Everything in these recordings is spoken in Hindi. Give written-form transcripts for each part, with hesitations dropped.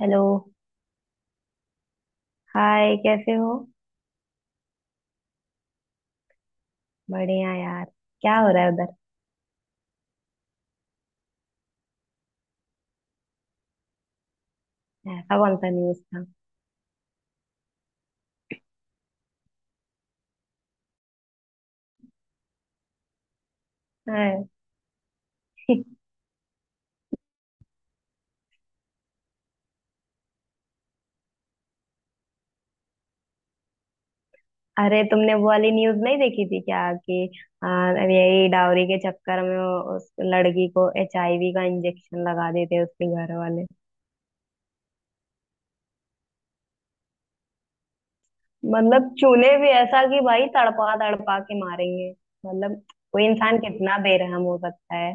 हेलो। हाय, कैसे हो। बढ़िया यार। क्या हो रहा है उधर। ऐसा कौन सा न्यूज़ था। अरे। अरे, तुमने वो वाली न्यूज़ नहीं देखी थी क्या कि आ, यही डाउरी के चक्कर में उस लड़की को एचआईवी का इंजेक्शन लगा देते हैं उसके घर वाले। मतलब चूने भी ऐसा कि भाई तड़पा तड़पा के मारेंगे। मतलब कोई इंसान कितना बेरहम हो सकता है।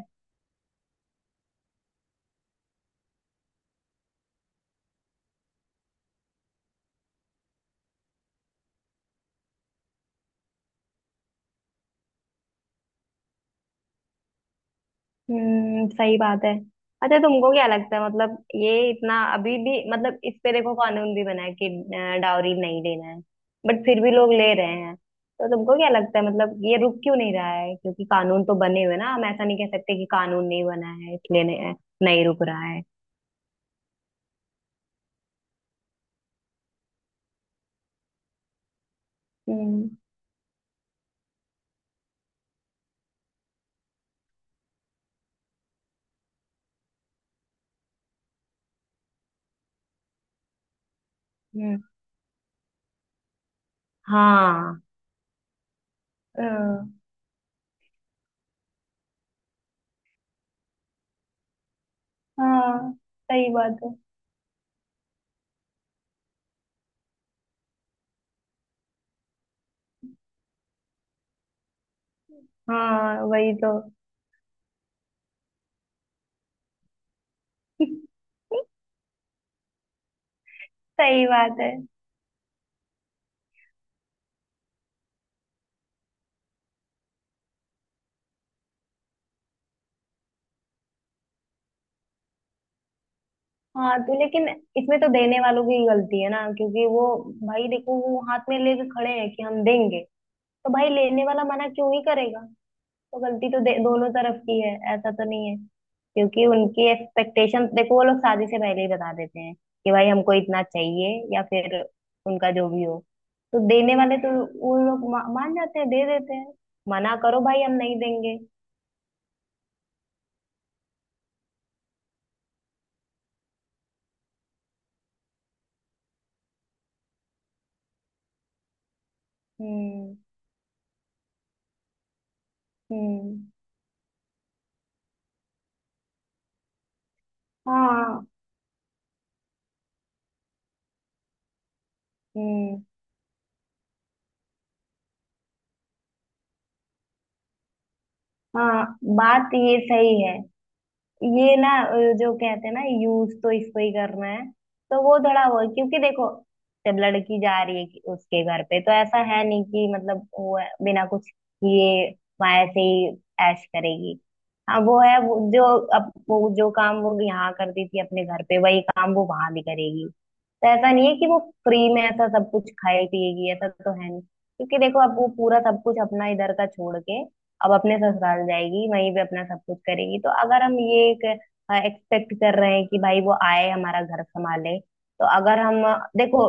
हम्म, सही बात है। अच्छा, तुमको क्या लगता है मतलब ये इतना अभी भी, मतलब इस पे देखो कानून भी बना है कि डाउरी नहीं लेना है। बट फिर भी लोग ले रहे हैं तो तुमको क्या लगता है मतलब ये रुक क्यों नहीं रहा है। क्योंकि कानून तो बने हुए हैं ना, हम ऐसा नहीं कह सकते कि कानून नहीं बना है, इसलिए नहीं, नहीं रुक रहा है। हम्म। हम्म। हाँ। अ, हाँ। सही बात है। हाँ, वही तो। सही बात है। हाँ तो लेकिन इसमें तो देने वालों की गलती है ना, क्योंकि वो, भाई देखो वो हाथ में लेके खड़े हैं कि हम देंगे। तो भाई लेने वाला मना क्यों ही करेगा। तो गलती तो दोनों तरफ की है, ऐसा तो नहीं है। क्योंकि उनकी एक्सपेक्टेशन देखो, वो लोग शादी से पहले ही बता देते हैं कि भाई हमको इतना चाहिए या फिर उनका जो भी हो। तो देने वाले तो, वो लोग मान जाते हैं, दे देते हैं। मना करो भाई हम नहीं देंगे। हम्म। हम्म। हाँ। हम्म। हाँ, बात ये सही है। ये ना जो कहते हैं ना यूज तो इसको ही करना है। तो वो थोड़ा वो, क्योंकि देखो, जब लड़की जा रही है उसके घर पे तो ऐसा है नहीं कि मतलब वो है, बिना कुछ किए वहां से ही ऐश करेगी। हाँ, वो है, वो जो, अब वो जो काम वो यहाँ करती थी अपने घर पे, वही काम वो वहां भी करेगी। तो ऐसा नहीं है कि वो फ्री में ऐसा सब कुछ खाए पिएगी, ऐसा तो है नहीं। क्योंकि देखो अब वो पूरा सब कुछ अपना इधर का छोड़ के अब अपने ससुराल जाएगी, वहीं पे अपना सब कुछ करेगी। तो अगर हम ये एक एक्सपेक्ट कर रहे हैं कि भाई वो आए हमारा घर संभाले, तो अगर हम देखो,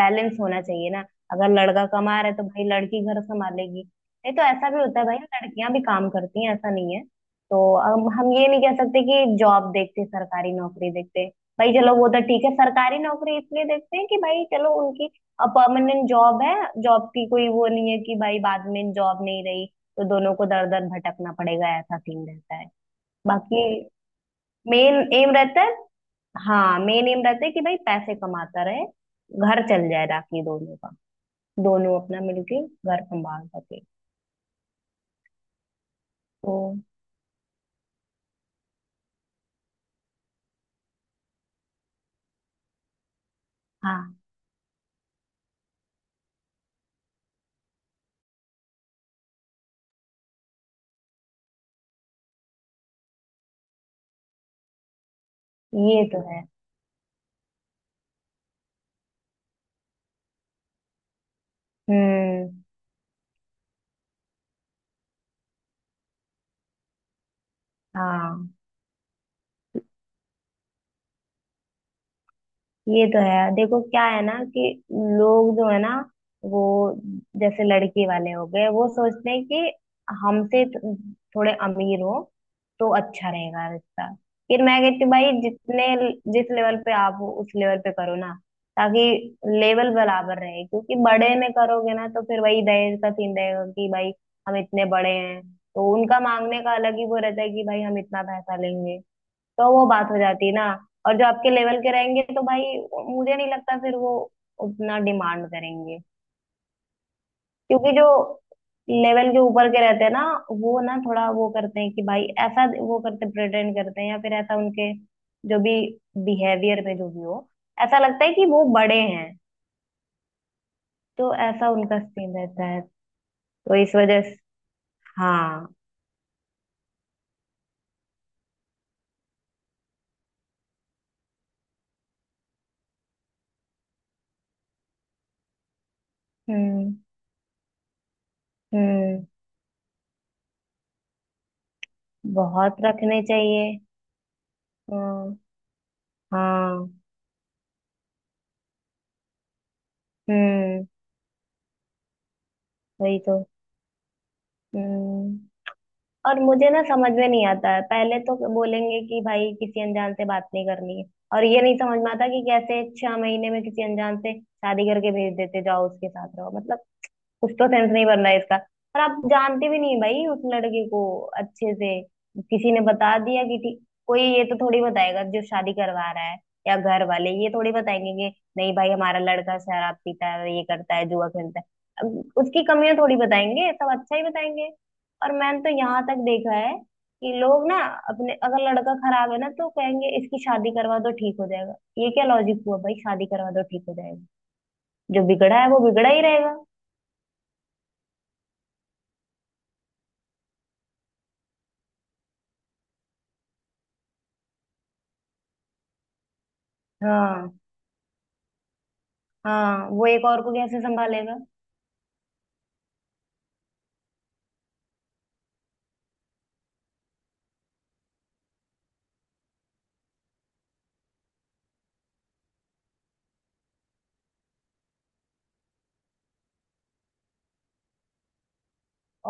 बैलेंस होना चाहिए ना। अगर लड़का कमा रहा है तो भाई लड़की घर संभालेगी, नहीं तो ऐसा भी होता है भाई लड़कियां भी काम करती हैं, ऐसा नहीं है तो। हम ये नहीं कह सकते कि जॉब देखते, सरकारी नौकरी देखते। भाई चलो वो तो ठीक है, सरकारी नौकरी इसलिए देखते हैं कि भाई चलो उनकी परमानेंट जॉब है, जॉब की कोई वो नहीं है कि भाई बाद में जॉब नहीं रही तो दोनों को दर दर भटकना पड़ेगा, ऐसा सीन रहता है। बाकी मेन एम रहता है। हाँ, मेन एम रहता है कि भाई पैसे कमाता रहे, घर चल जाए राखी दोनों का, दोनों अपना मिलके घर संभाल सके तो। हाँ, ये तो है। हम्म। हाँ, ये तो है, देखो क्या है ना कि लोग जो है ना, वो जैसे लड़के वाले हो गए वो सोचते हैं कि हमसे थोड़े अमीर हो तो अच्छा रहेगा रिश्ता। फिर मैं कहती हूँ, भाई जितने जिस लेवल पे आप हो, उस लेवल पे करो ना ताकि लेवल बराबर रहे। क्योंकि बड़े में करोगे ना, तो फिर वही दहेज का सीन रहेगा कि भाई हम इतने बड़े हैं, तो उनका मांगने का अलग ही वो रहता है कि भाई हम इतना पैसा लेंगे, तो वो बात हो जाती है ना। और जो आपके लेवल के रहेंगे तो भाई, मुझे नहीं लगता फिर वो उतना डिमांड करेंगे। क्योंकि जो लेवल के ऊपर के रहते हैं ना, वो ना थोड़ा वो करते हैं कि भाई ऐसा, वो करते प्रेटेंड करते हैं या फिर ऐसा उनके जो भी बिहेवियर में जो भी हो, ऐसा लगता है कि वो बड़े हैं। तो ऐसा उनका सीन रहता है, तो इस वजह से। हाँ। हम्म। हम्म, बहुत रखने चाहिए। हाँ। हाँ। हम्म, वही तो। हम्म। और मुझे ना समझ में नहीं आता है, पहले तो बोलेंगे कि भाई किसी अनजान से बात नहीं करनी है, और ये नहीं समझ में आता कि कैसे 6 महीने में किसी अनजान से शादी करके भेज देते, जाओ उसके साथ रहो। मतलब कुछ तो सेंस नहीं बन रहा है इसका। और आप जानते भी नहीं भाई उस लड़के को अच्छे से, किसी ने बता दिया कि ठीक। कोई ये तो थोड़ी बताएगा जो शादी करवा रहा है, या घर वाले ये थोड़ी बताएंगे कि नहीं भाई हमारा लड़का शराब पीता है, ये करता है, जुआ खेलता है। अब उसकी कमियां थोड़ी बताएंगे, सब अच्छा ही बताएंगे। और मैंने तो यहाँ तक देखा है कि लोग ना अपने, अगर लड़का खराब है ना तो कहेंगे इसकी शादी करवा दो ठीक हो जाएगा। ये क्या लॉजिक हुआ भाई, शादी करवा दो ठीक हो जाएगा। जो बिगड़ा है वो बिगड़ा ही रहेगा। हाँ। हाँ, वो एक और को कैसे संभालेगा।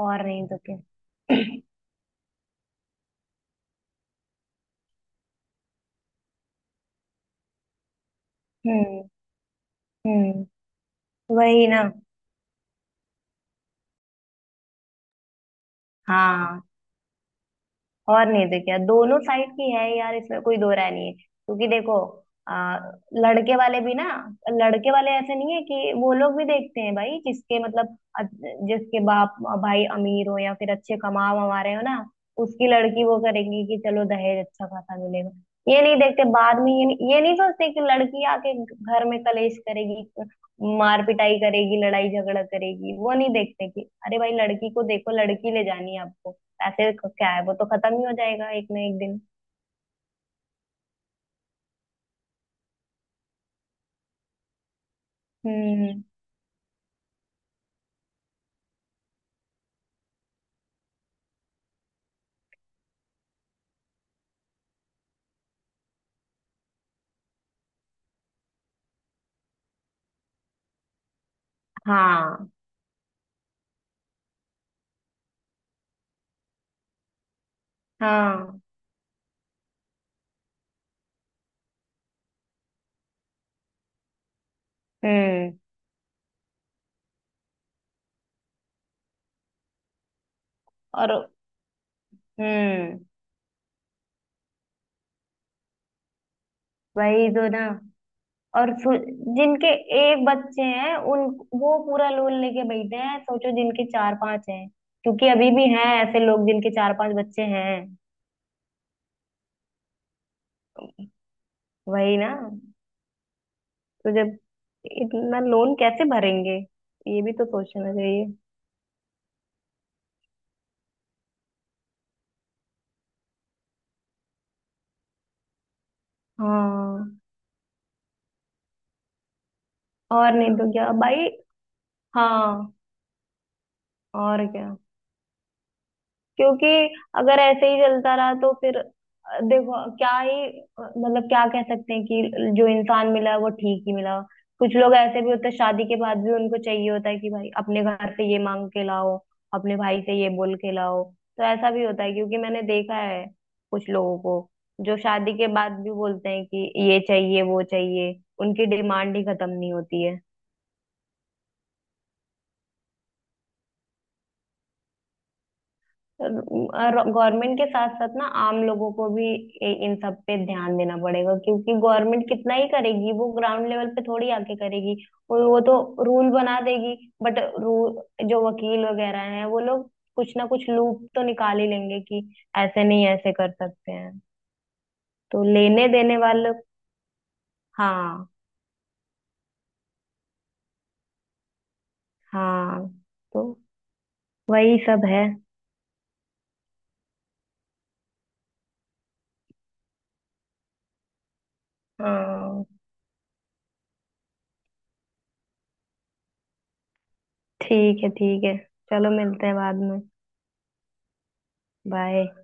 और नहीं तो क्या। हम्म। हम्म, वही ना। हाँ। और नहीं तो क्या, दोनों साइड की है यार, इसमें कोई दो राय नहीं है। क्योंकि देखो आ, लड़के वाले भी ना, लड़के वाले ऐसे नहीं है कि, वो लोग भी देखते हैं भाई जिसके मतलब जिसके बाप भाई अमीर हो या फिर अच्छे कमा वमा रहे हो ना, उसकी लड़की, वो करेगी कि चलो दहेज अच्छा खासा मिलेगा। ये नहीं देखते बाद में, ये नहीं सोचते कि लड़की आके घर में कलेश करेगी, मार पिटाई करेगी, लड़ाई झगड़ा करेगी। वो नहीं देखते कि अरे भाई लड़की को देखो, लड़की ले जानी है आपको। ऐसे को क्या है, वो तो खत्म ही हो जाएगा एक ना एक दिन। हम्म। हाँ। हाँ। हम्म। और। हम्म, वही तो ना। और जिनके एक बच्चे हैं उन, वो पूरा लोन लेके बैठे हैं, सोचो जिनके 4-5 हैं। क्योंकि अभी भी हैं ऐसे लोग जिनके 4-5 बच्चे हैं। वही ना। तो जब इतना लोन कैसे भरेंगे, ये भी तो सोचना चाहिए। हाँ, और नहीं तो क्या भाई। हाँ, और क्या, क्योंकि अगर ऐसे ही चलता रहा तो फिर देखो, क्या ही मतलब क्या कह सकते हैं कि जो इंसान मिला वो ठीक ही मिला। कुछ लोग ऐसे भी होते हैं, शादी के बाद भी उनको चाहिए होता है कि भाई अपने घर से ये मांग के लाओ, अपने भाई से ये बोल के लाओ। तो ऐसा भी होता है क्योंकि मैंने देखा है कुछ लोगों को, जो शादी के बाद भी बोलते हैं कि ये चाहिए वो चाहिए। उनकी डिमांड ही खत्म नहीं होती है। गवर्नमेंट के साथ साथ ना आम लोगों को भी इन सब पे ध्यान देना पड़ेगा, क्योंकि गवर्नमेंट कितना ही करेगी, वो ग्राउंड लेवल पे थोड़ी आके करेगी। वो तो रूल बना देगी, बट रूल, जो वकील वगैरह हैं वो लोग कुछ ना कुछ लूप तो निकाल ही लेंगे कि ऐसे नहीं, ऐसे कर सकते हैं। तो लेने देने वाले। हाँ। हाँ, तो वही सब है। हाँ, ठीक है, ठीक है, चलो मिलते हैं बाद में। बाय।